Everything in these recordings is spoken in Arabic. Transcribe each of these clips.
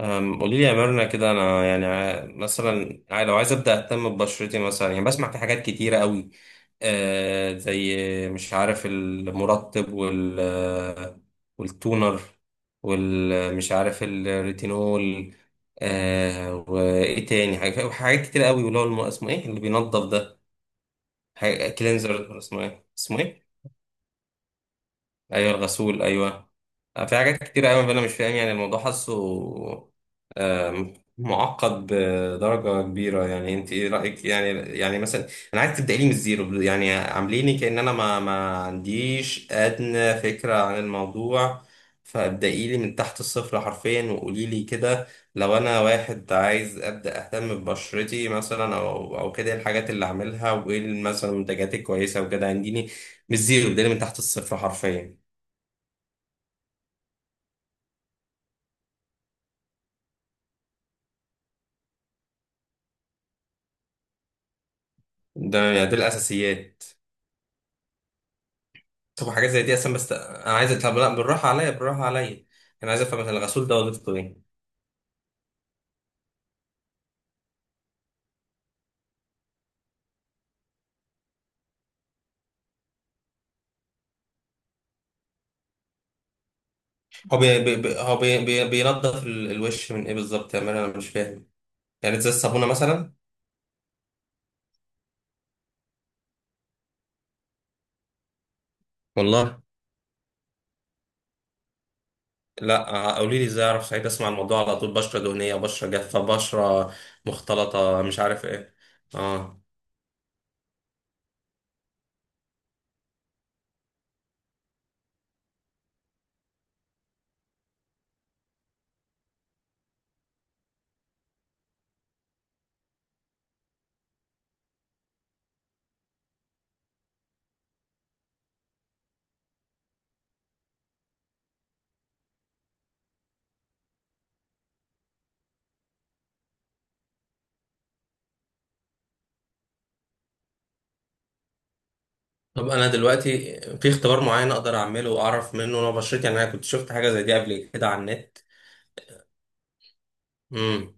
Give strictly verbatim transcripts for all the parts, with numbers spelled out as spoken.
أم، قولي لي يا ميرنا كده، انا يعني ع- مثلا ع- لو عايز ابدا اهتم ببشرتي، مثلا يعني بسمع في حاجات كتيره قوي. آه، زي مش عارف المرطب وال آه، والتونر والمش عارف الريتينول. آه، وايه تاني حاجات، حاجات كتير قوي، واللي هو الم- اسمه ايه اللي بينظف ده، كلينزر. اسمه ايه اسمه ايه ايوه، الغسول، ايوه. آه، في حاجات كتير قوي انا مش فاهم يعني الموضوع، حاسه آم، معقد بدرجه كبيره. يعني انت ايه رايك؟ يعني، يعني مثلا انا عايز تبداي لي من الزيرو، يعني عامليني كأن انا ما ما عنديش ادنى فكره عن الموضوع، فابدأي لي من تحت الصفر حرفيا. وقولي لي كده، لو انا واحد عايز ابدا اهتم ببشرتي مثلا، او او كده، إيه الحاجات اللي اعملها؟ وايه مثلا المنتجات الكويسه وكده؟ عنديني من الزيرو، ابدأي لي من تحت الصفر حرفيا. ده يعني دي الاساسيات. طب حاجات زي دي اصلا، بس انا عايز، طب لا، بالراحه عليا، بالراحه عليا. انا عايز افهم مثلا الغسول ده وظيفته ايه. هو بي... بي... بي... هو بي... بي... بينضف ال- الوش من ايه بالظبط يا مان؟ انا مش فاهم. يعني زي الصابونه مثلا؟ والله. لا، قولي لي ازاي اعرف، سعيد اسمع الموضوع على طول، بشره دهنيه، بشره جافه، بشره مختلطه، مش عارف ايه. اه. طب انا دلوقتي في اختبار معين اقدر اعمله واعرف منه نوع بشرتي؟ يعني انا كنت شفت حاجه زي دي قبل كده على النت.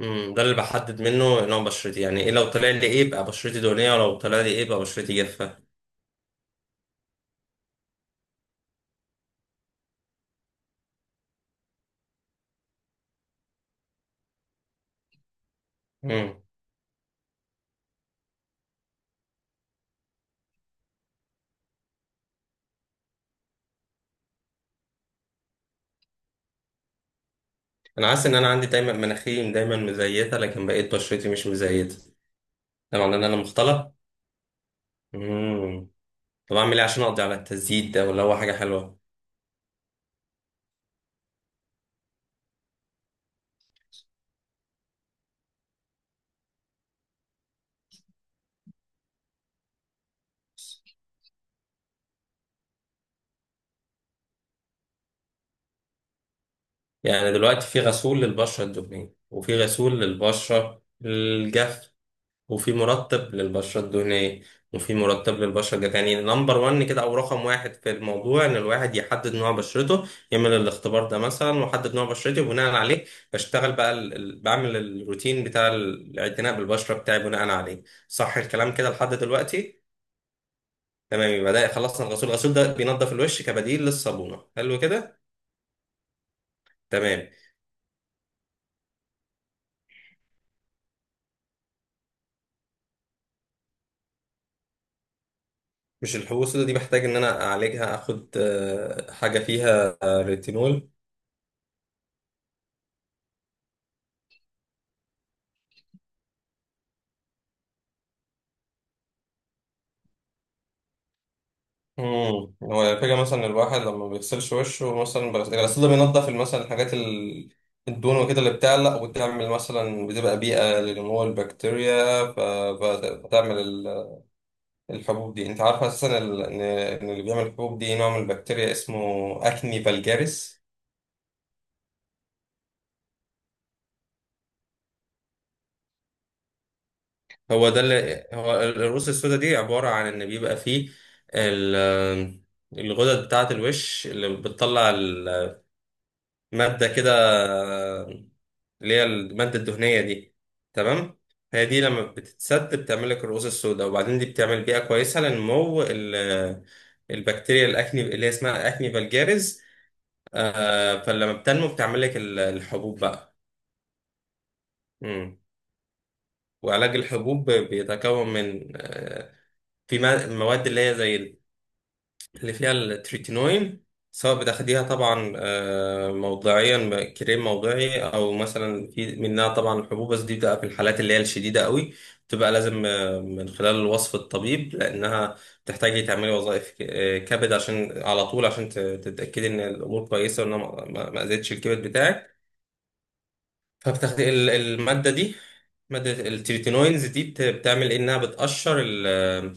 امم، ده اللي بحدد منه نوع بشرتي يعني؟ ايه لو طلع لي ايه يبقى بشرتي دهنيه، ولو طلع لي ايه يبقى بشرتي جافه؟ امم. انا حاسس ان انا عندي دايما مناخيري دايما مزيته، لكن بقيت بشرتي مش مزيته. ده معناه ان انا مختلط؟ امم. طب اعمل ايه عشان اقضي على التزييت ده؟ ولا هو حاجه حلوه؟ يعني دلوقتي في غسول للبشره الدهنيه وفي غسول للبشره الجافه، وفي مرتب للبشرة الدهنية وفي مرتب للبشرة الجافة. يعني نمبر وان كده، أو رقم واحد في الموضوع، إن الواحد يحدد نوع بشرته، يعمل الاختبار ده مثلا وأحدد نوع بشرتي، وبناء عليه بشتغل بقى ال... ال- بعمل الروتين بتاع الاعتناء بالبشرة بتاعي بناء عليه. صح الكلام كده لحد دلوقتي؟ تمام، يبقى ده خلصنا الغسول. الغسول ده بينضف الوش كبديل للصابونة، حلو كده. تمام. مش الحبوب السوداء دي بحتاج إن أنا أعالجها، أخد آه، حاجة فيها آه، ريتينول؟ امم. هو الفكرة مثلا الواحد لما ما بيغسلش وشه مثلا، بغسل- الغسيل ده بينضف مثلا الحاجات ال... الدهون وكده، اللي بتعلق وتعمل مثلا، بتبقى بيئة لنمو البكتيريا، ف... فت- فتعمل ال- الحبوب دي. انت عارف اساسا ال... ان إن اللي بيعمل الحبوب دي نوع من البكتيريا اسمه اكني فالجاريس. هو ده اللي هو ال- الرؤوس السوداء دي، عبارة عن ان بيبقى فيه ال... الغدد بتاعة الوش اللي بتطلع المادة كده، اللي هي المادة الدهنية دي. تمام. هي دي لما بتتسد بتعمل لك الرؤوس السوداء، وبعدين دي بتعمل بيئة كويسة لنمو ال- البكتيريا الأكني، اللي هي اسمها أكني فالجاريز. آه، فلما بتنمو بتعمل لك ال- الحبوب بقى. مم. وعلاج الحبوب بيتكون من آه، في ما- مواد اللي هي زي اللي فيها التريتينوين، سواء بتاخديها طبعا آه، موضعيا ب- كريم موضعي، او مثلا في منها طبعا الحبوب، بس دي بتبقى في الحالات اللي هي الشديده قوي. بتبقى لازم آه، من خلال وصف الطبيب، لانها بتحتاجي تعملي وظائف ك- آه، كبد، عشان على طول عشان ت- تتاكدي ان الامور كويسه، وانها ما ما- ما اذتش الكبد بتاعك. فبتاخدي ال- الماده دي، مادة التريتينوينز دي بت- بتعمل إيه؟ انها بتقشر ال-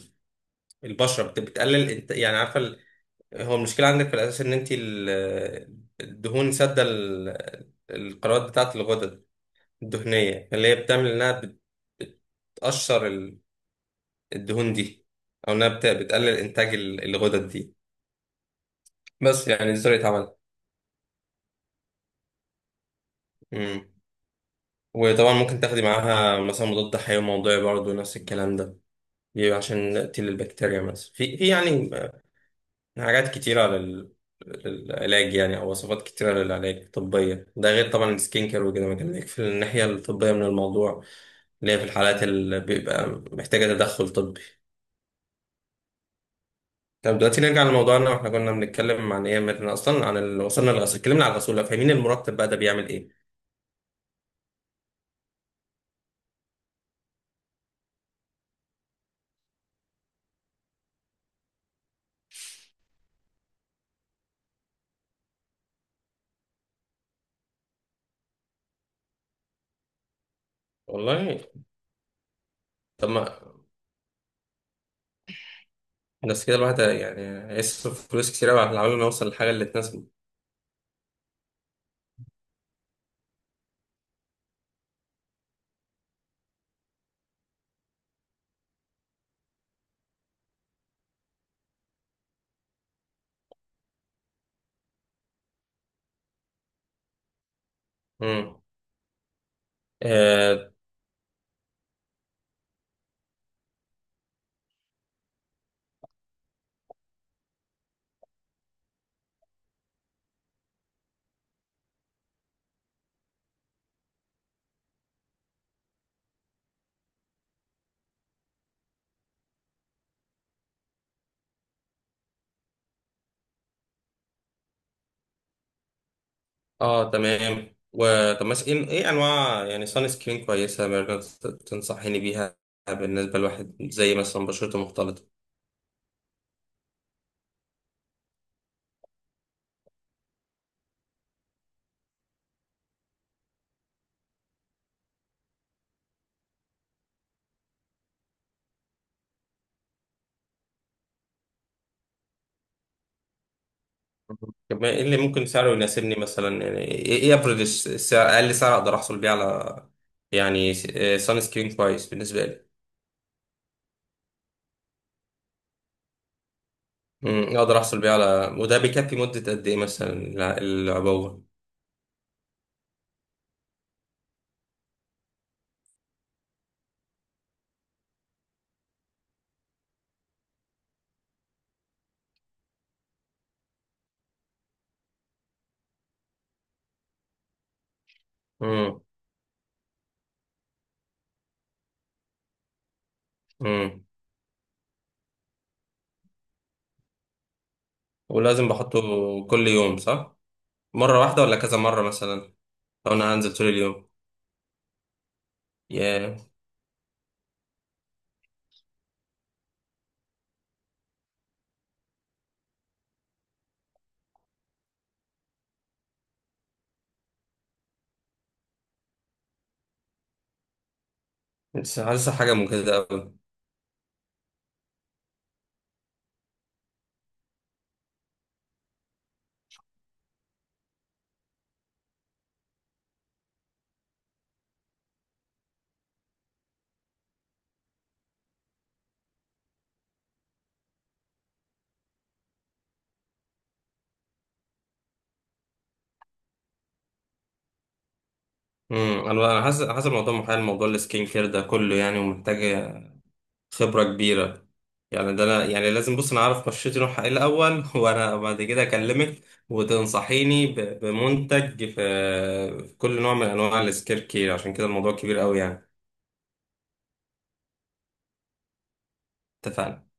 البشرة، بت- بتقلل، يعني عارفة، هو المشكلة عندك في الأساس إن أنت ال- الدهون سادة ال- القنوات بتاعة الغدد الدهنية، اللي هي بتعمل إنها بت- بتقشر ال- الدهون دي، أو إنها بت- بتقلل إنتاج ال- الغدد دي. بس يعني دي طريقة عملها. مم. وطبعا ممكن تاخدي معاها مثلا مضاد حيوي موضعي، برضه نفس الكلام ده، بيبقى عشان تقتل البكتيريا مثلا. في في يعني حاجات كتيرة لل... للعلاج، يعني أو وصفات كتيرة للعلاج الطبية، ده غير طبعا السكين كير وكده، ما كان في الناحية الطبية من الموضوع، اللي هي في الحالات اللي بيبقى محتاجة تدخل طبي. طب دلوقتي نرجع لموضوعنا. واحنا كنا بنتكلم عن ايه مثلا أصلا؟ عن ال... وصلنا للغسول، اتكلمنا عن الغسول، لو فاهمين. المرتب بقى ده بيعمل ايه؟ والله. طب ما، بس كده الواحد يعني هيصرف فلوس كتير أوي على العمال، ما يوصل للحاجة اللي تناسبه. امم. اه تمام. وطب مثلا ايه، إيه انواع يعني سان سكرين كويسه مثلا تنصحيني بيها، بالنسبه لواحد زي مثلا بشرته مختلطه؟ طب ما ايه اللي ممكن سعره يناسبني مثلا؟ يعني ايه، ايه افرض السعر، اقل سعر اقدر احصل بيه على يعني سان سكرين كويس بالنسبه لي؟ امم، اقدر احصل بيه على، وده بيكفي مده قد ايه مثلا الع- العبوه؟ امم. امم. ولازم بحطه كل يوم صح؟ مره واحده ولا كذا مره مثلا لو انا هنزل طول اليوم؟ ياه. بس حاسسها حاجة مجهدة أوي. امم. أنا أنا حاسس، حاسس الموضوع محال، موضوع السكين كير ده كله يعني، ومحتاج خبرة كبيرة. يعني ده أنا يعني لازم بص أنا أعرف بشرتي نوعها إيه الأول، وأنا بعد كده أكلمك وتنصحيني ب- بمنتج في في كل نوع من أنواع السكين كير. عشان كده الموضوع كبير أوي يعني. اتفقنا.